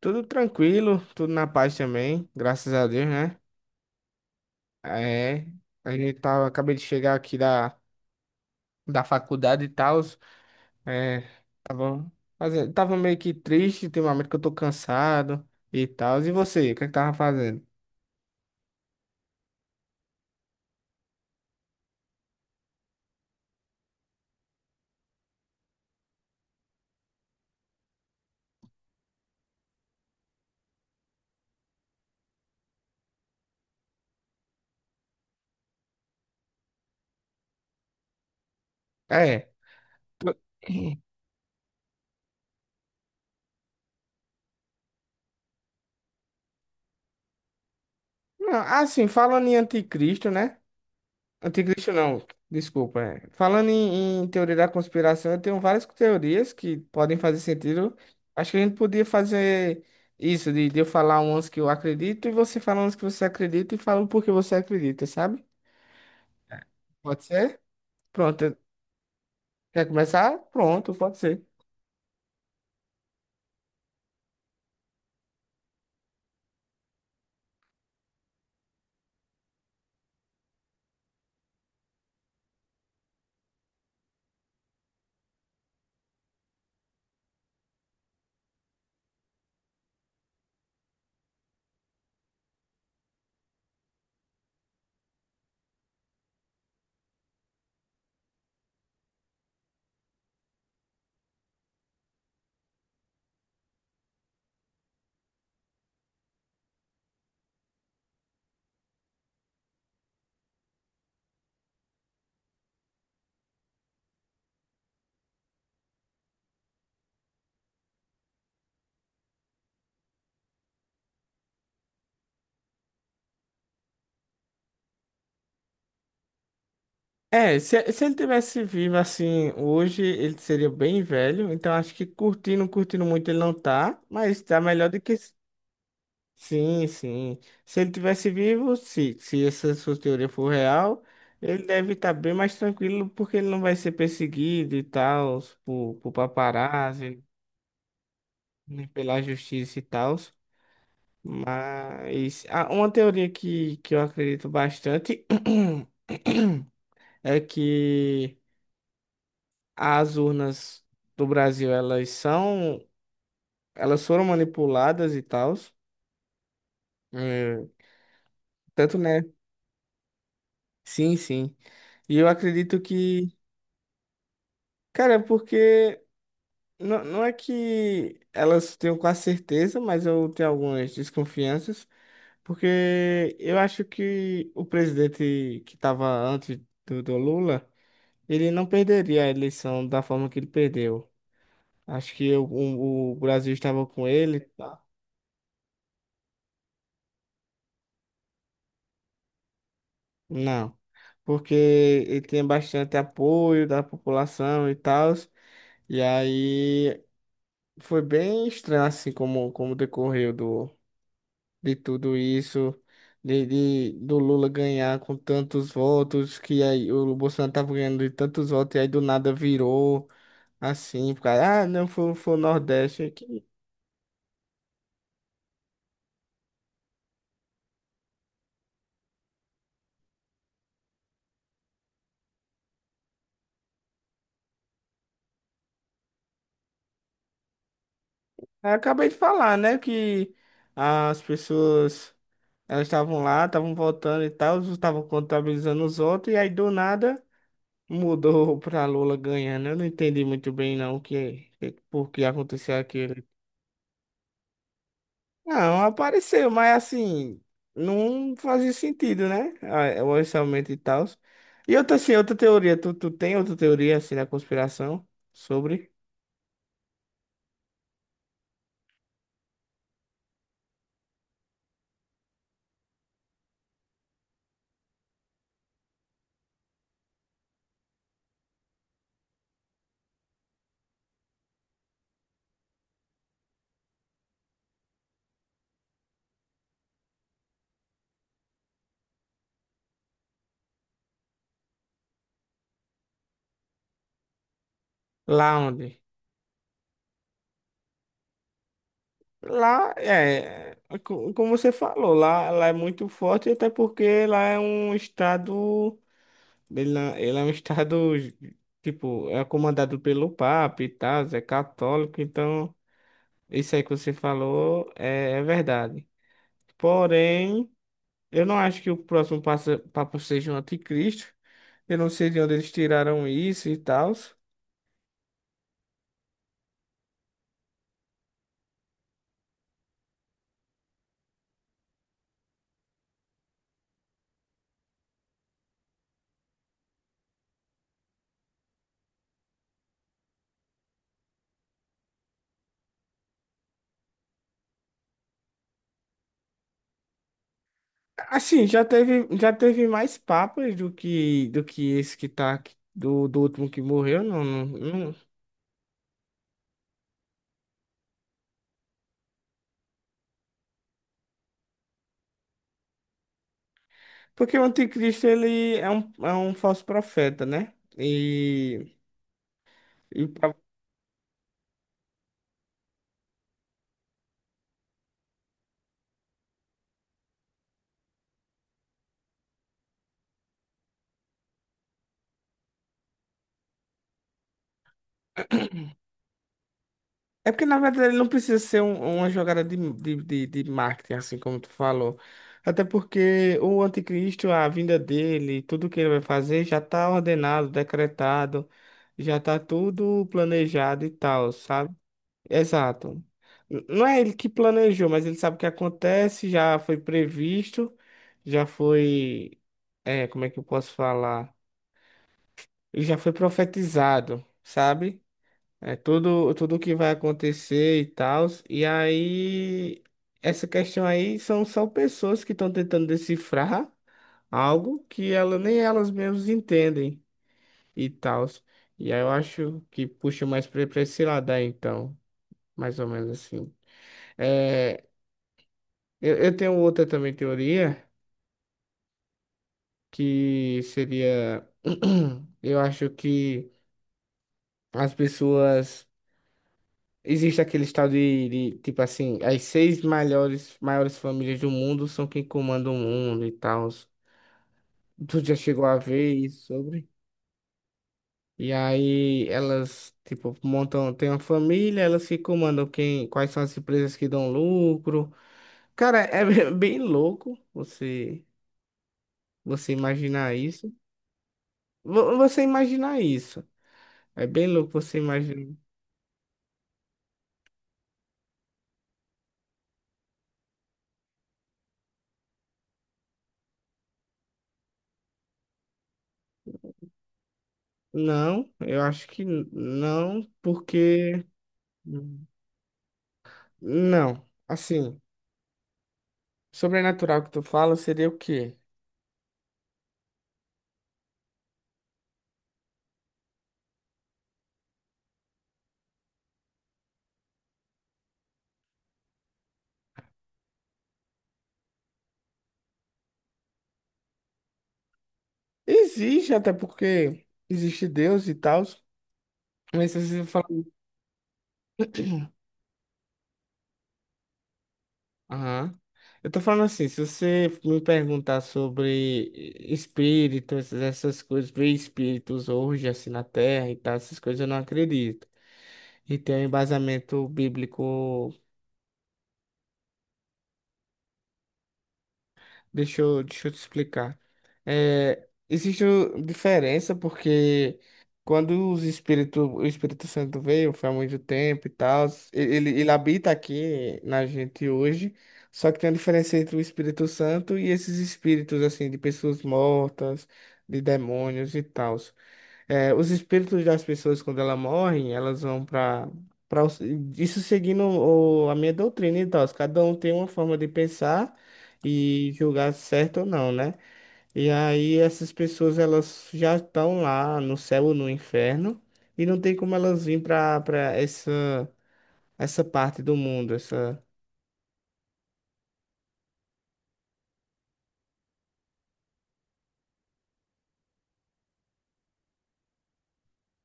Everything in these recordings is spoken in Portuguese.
Tudo tranquilo, tudo na paz também, graças a Deus, né? É, a gente tava, acabei de chegar aqui da faculdade e tal, é, tava, fazendo, tava meio que triste ultimamente que eu tô cansado e tal. E você, o que é que tava fazendo? É, não, assim, falando em anticristo, né? Anticristo não, desculpa. É. Falando em teoria da conspiração, eu tenho várias teorias que podem fazer sentido. Acho que a gente podia fazer isso, de eu falar umas que eu acredito e você falar umas que você acredita e falar o porquê você acredita, sabe? Pode ser? Pronto. Quer começar? Pronto, pode ser. É, se ele tivesse vivo assim hoje, ele seria bem velho. Então acho que curtindo muito ele não tá, mas tá melhor do que. Sim, sim. Se ele tivesse vivo, se essa sua teoria for real, ele deve estar bem mais tranquilo porque ele não vai ser perseguido e tal, por paparazzi, nem pela justiça e tal. Mas ah, uma teoria que eu acredito bastante é que as urnas do Brasil, elas são, elas foram manipuladas e tal. eh, Tanto, né? Sim, sim. E eu acredito que cara, é porque não, não é que elas tenham quase certeza, mas eu tenho algumas desconfianças, porque eu acho que o presidente que estava antes do Lula, ele não perderia a eleição da forma que ele perdeu. Acho que o Brasil estava com ele. Tá? Não, porque ele tinha bastante apoio da população e tal, e aí foi bem estranho assim como, como decorreu do de tudo isso, do Lula ganhar com tantos votos, que aí o Bolsonaro tava ganhando de tantos votos, e aí do nada virou assim, por causa, ah, não, foi o Nordeste. Que... Eu acabei de falar, né, que as pessoas, elas estavam lá, estavam votando e tal, estavam contabilizando os votos, e aí do nada mudou pra Lula ganhando. Eu não entendi muito bem, não, o que, por que aconteceu aquilo. Não, apareceu, mas assim, não fazia sentido, né? Ah, o orçamento e tal. E outra, assim, outra teoria, tu tem outra teoria, assim, da conspiração sobre lá onde? Lá, é, é como você falou, lá é muito forte, até porque lá é um estado, ele, não- ele é um estado, tipo, é comandado pelo Papa e tal, é católico, então, isso aí que você falou é verdade. Porém... Eu não acho que o próximo papo seja o anticristo. Eu não sei de onde eles tiraram isso e tal. Assim, já teve mais papas do que esse que tá aqui, do último que morreu, não. Porque o anticristo ele é um falso profeta, né? E, É porque, na verdade, ele não precisa ser uma jogada de marketing, assim como tu falou. Até porque o anticristo, a vinda dele, tudo que ele vai fazer já está ordenado, decretado, já está tudo planejado e tal, sabe? Exato. Não é ele que planejou, mas ele sabe o que acontece, já foi previsto, já foi. É, como é que eu posso falar? Ele já foi profetizado, sabe? É tudo, tudo que vai acontecer e tal. E aí, essa questão aí são só pessoas que estão tentando decifrar algo que ela, nem elas mesmas entendem e tal. E aí eu acho que puxa mais pra esse lado aí, então, mais ou menos assim. É, eu tenho outra também teoria, que seria, eu acho que as pessoas. Existe aquele estado tipo assim, as seis maiores famílias do mundo são quem comanda o mundo e tal. Tu já chegou a ver isso sobre? E aí elas, tipo, montam, tem uma família, elas que comandam quem, quais são as empresas que dão lucro. Cara, é bem louco você imaginar isso. Você imaginar isso. É bem louco você imaginar. Não, eu acho que não, porque. Hum, não, assim. Sobrenatural que tu fala seria o quê? Existe, até porque existe Deus e tal. Mas se você falar. Aham. Eu tô falando assim, se você me perguntar sobre espíritos, essas coisas, ver espíritos hoje assim na Terra e tal, essas coisas eu não acredito. E tem um embasamento bíblico. Deixa eu te explicar. É, existe diferença porque quando o Espírito Santo veio, foi há muito tempo e tal, ele habita aqui na gente hoje, só que tem a diferença entre o Espírito Santo e esses espíritos, assim, de pessoas mortas, de demônios e tal. É, os espíritos das pessoas, quando elas morrem, elas vão para isso seguindo a minha doutrina e tal. Cada um tem uma forma de pensar e julgar certo ou não, né? E aí essas pessoas elas já estão lá no céu ou no inferno e não tem como elas vir para essa parte do mundo.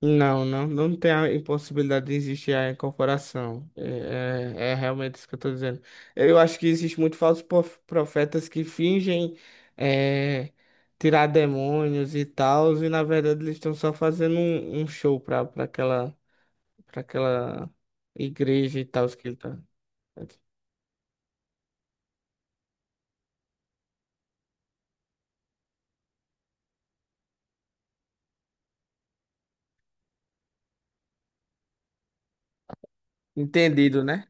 Não, não tem a impossibilidade de existir a incorporação. É, é realmente isso que eu estou dizendo. Eu acho que existe muito falsos profetas que fingem é, tirar demônios e tal, e na verdade eles estão só fazendo um show para aquela igreja e tal que ele tá. Entendido, né?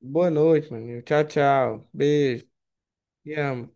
Boa noite, meu amigo. Tchau, tchau. Beijo. Te amo.